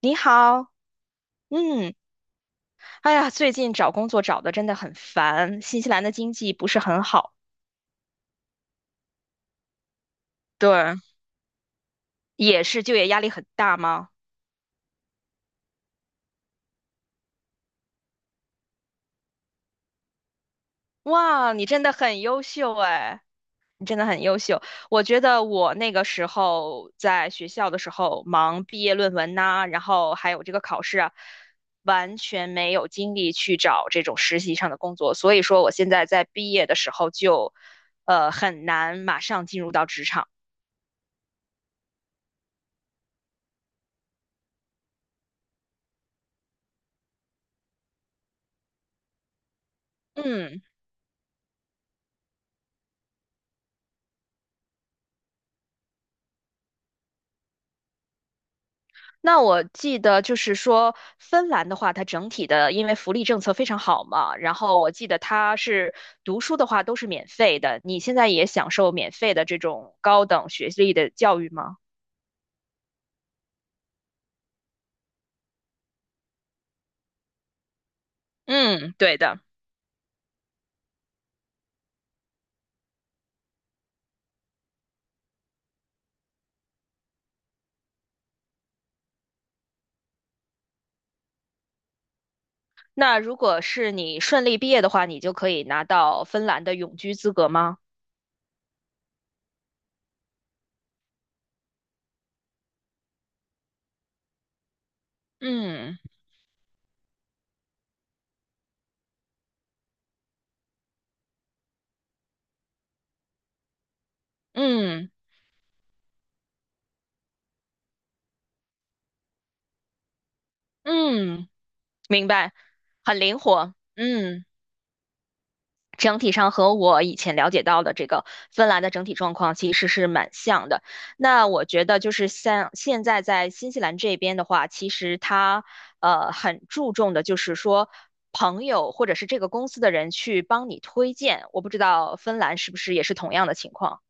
你好。嗯，哎呀，最近找工作找的真的很烦，新西兰的经济不是很好。对，也是就业压力很大吗？哇，你真的很优秀哎，你真的很优秀。我觉得我那个时候在学校的时候忙毕业论文呐、然后还有这个考试啊，完全没有精力去找这种实习上的工作，所以说我现在在毕业的时候就，很难马上进入到职场。嗯。那我记得就是说，芬兰的话，它整体的因为福利政策非常好嘛，然后我记得它是读书的话都是免费的，你现在也享受免费的这种高等学历的教育吗？嗯，对的。那如果是你顺利毕业的话，你就可以拿到芬兰的永居资格吗？嗯嗯嗯，明白，很灵活。嗯。整体上和我以前了解到的这个芬兰的整体状况其实是蛮像的。那我觉得就是像现在在新西兰这边的话，其实它很注重的就是说朋友或者是这个公司的人去帮你推荐。我不知道芬兰是不是也是同样的情况。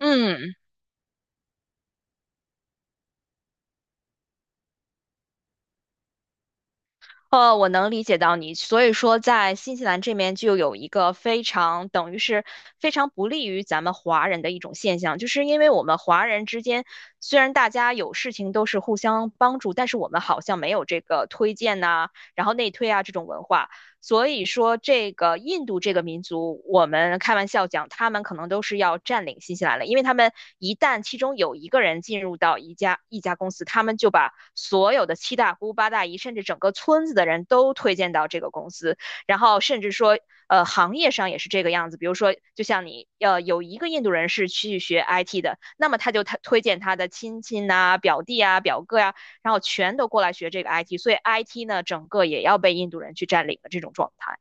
嗯。我能理解到你，所以说在新西兰这边就有一个非常等于是非常不利于咱们华人的一种现象，就是因为我们华人之间虽然大家有事情都是互相帮助，但是我们好像没有这个推荐呐、然后内推啊这种文化，所以说这个印度这个民族，我们开玩笑讲，他们可能都是要占领新西兰了，因为他们一旦其中有一个人进入到一家公司，他们就把。所有的七大姑八大姨，甚至整个村子的人都推荐到这个公司，然后甚至说，行业上也是这个样子。比如说，就像你，有一个印度人是去学 IT 的，那么他推荐他的亲戚呐、表弟啊、表哥呀、然后全都过来学这个 IT。所以 IT 呢，整个也要被印度人去占领的这种状态。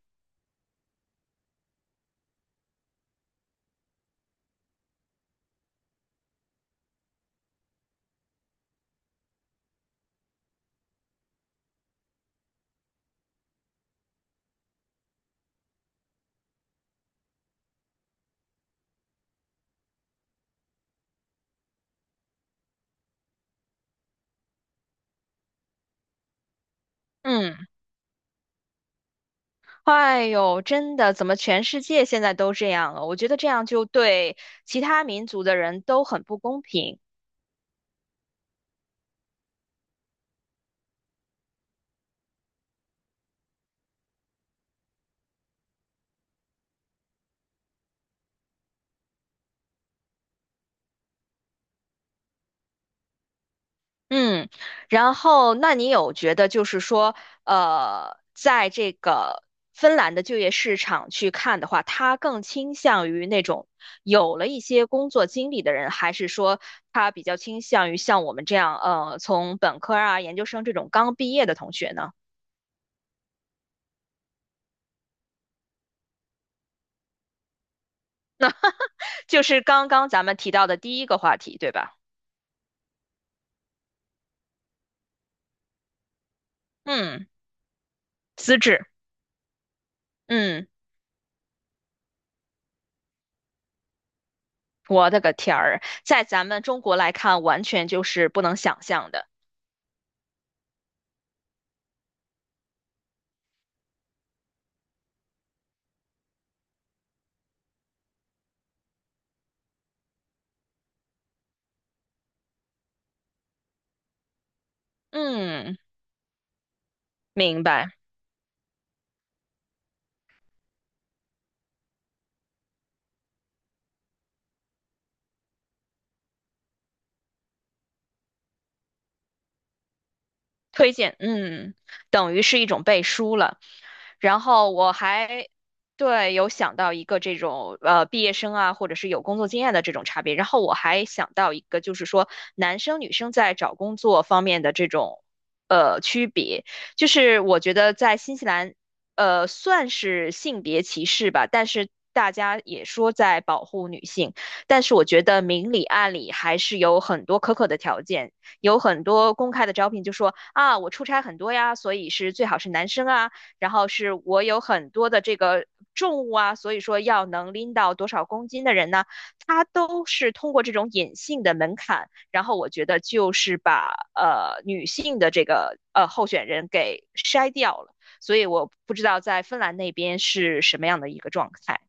嗯，哎呦，真的，怎么全世界现在都这样了？我觉得这样就对其他民族的人都很不公平。嗯。然后那你有觉得就是说，在这个芬兰的就业市场去看的话，他更倾向于那种有了一些工作经历的人，还是说他比较倾向于像我们这样，从本科啊、研究生这种刚毕业的同学呢？就是刚刚咱们提到的第一个话题，对吧？嗯，资质，嗯，我的个天儿，在咱们中国来看，完全就是不能想象的。嗯，明白。推荐。嗯，等于是一种背书了。然后我还对有想到一个这种毕业生啊，或者是有工作经验的这种差别。然后我还想到一个，就是说男生女生在找工作方面的这种区别，就是我觉得在新西兰算是性别歧视吧，但是。大家也说在保护女性，但是我觉得明里暗里还是有很多苛刻的条件，有很多公开的招聘就说啊，我出差很多呀，所以是最好是男生啊，然后是我有很多的这个重物啊，所以说要能拎到多少公斤的人呢？他都是通过这种隐性的门槛，然后我觉得就是把女性的这个候选人给筛掉了，所以我不知道在芬兰那边是什么样的一个状态。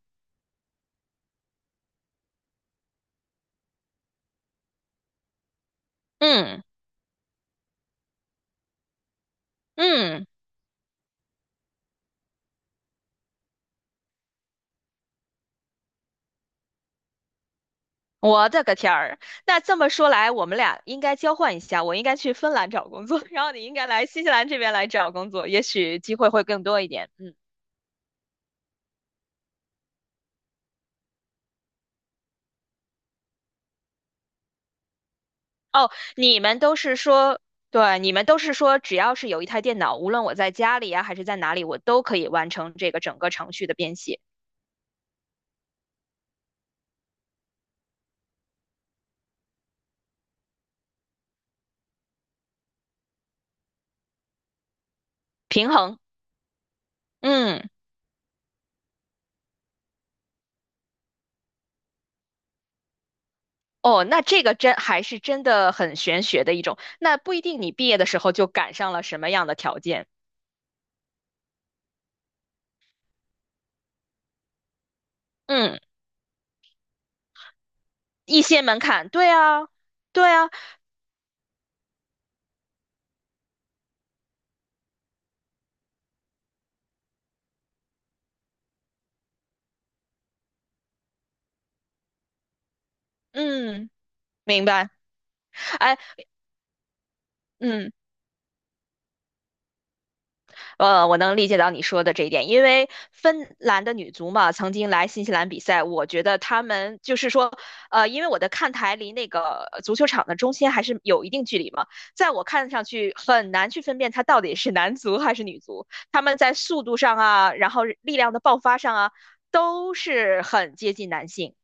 嗯嗯，我的个天儿！那这么说来，我们俩应该交换一下，我应该去芬兰找工作，然后你应该来新西兰这边来找工作，也许机会会更多一点。嗯。哦，你们都是说，对，你们都是说，只要是有一台电脑，无论我在家里呀、还是在哪里，我都可以完成这个整个程序的编写平衡。嗯。哦，那这个真还是真的很玄学的一种。那不一定你毕业的时候就赶上了什么样的条件，嗯，一些门槛，对啊，对啊，嗯，明白。哎，嗯。我能理解到你说的这一点，因为芬兰的女足嘛，曾经来新西兰比赛，我觉得她们就是说，因为我的看台离那个足球场的中心还是有一定距离嘛，在我看上去很难去分辨它到底是男足还是女足，他们在速度上啊，然后力量的爆发上啊，都是很接近男性。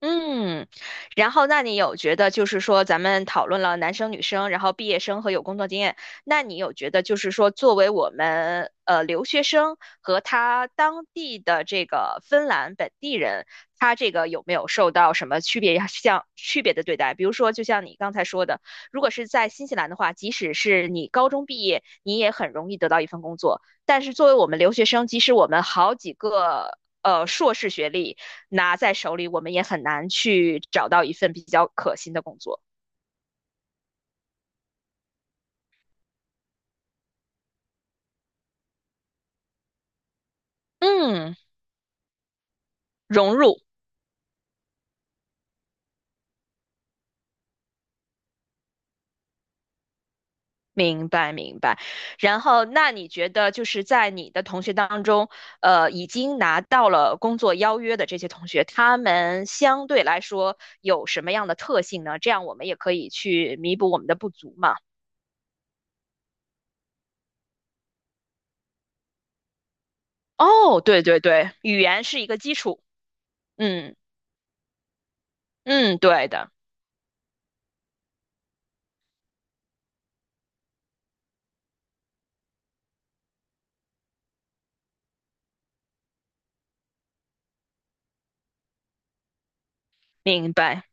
嗯。然后那你有觉得就是说咱们讨论了男生女生，然后毕业生和有工作经验，那你有觉得就是说作为我们留学生和他当地的这个芬兰本地人，他这个有没有受到什么区别像区别的对待？比如说，就像你刚才说的，如果是在新西兰的话，即使是你高中毕业，你也很容易得到一份工作，但是作为我们留学生，即使我们好几个。硕士学历，拿在手里，我们也很难去找到一份比较可心的工作。嗯，融入。明白明白。然后，那你觉得就是在你的同学当中，已经拿到了工作邀约的这些同学，他们相对来说有什么样的特性呢？这样我们也可以去弥补我们的不足嘛。哦，对对对，语言是一个基础。嗯嗯，对的，明白。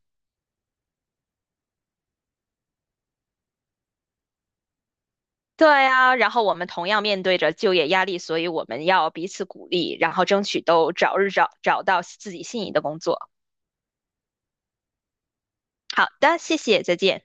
对啊，然后我们同样面对着就业压力，所以我们要彼此鼓励，然后争取都早日找到自己心仪的工作。好的，谢谢，再见。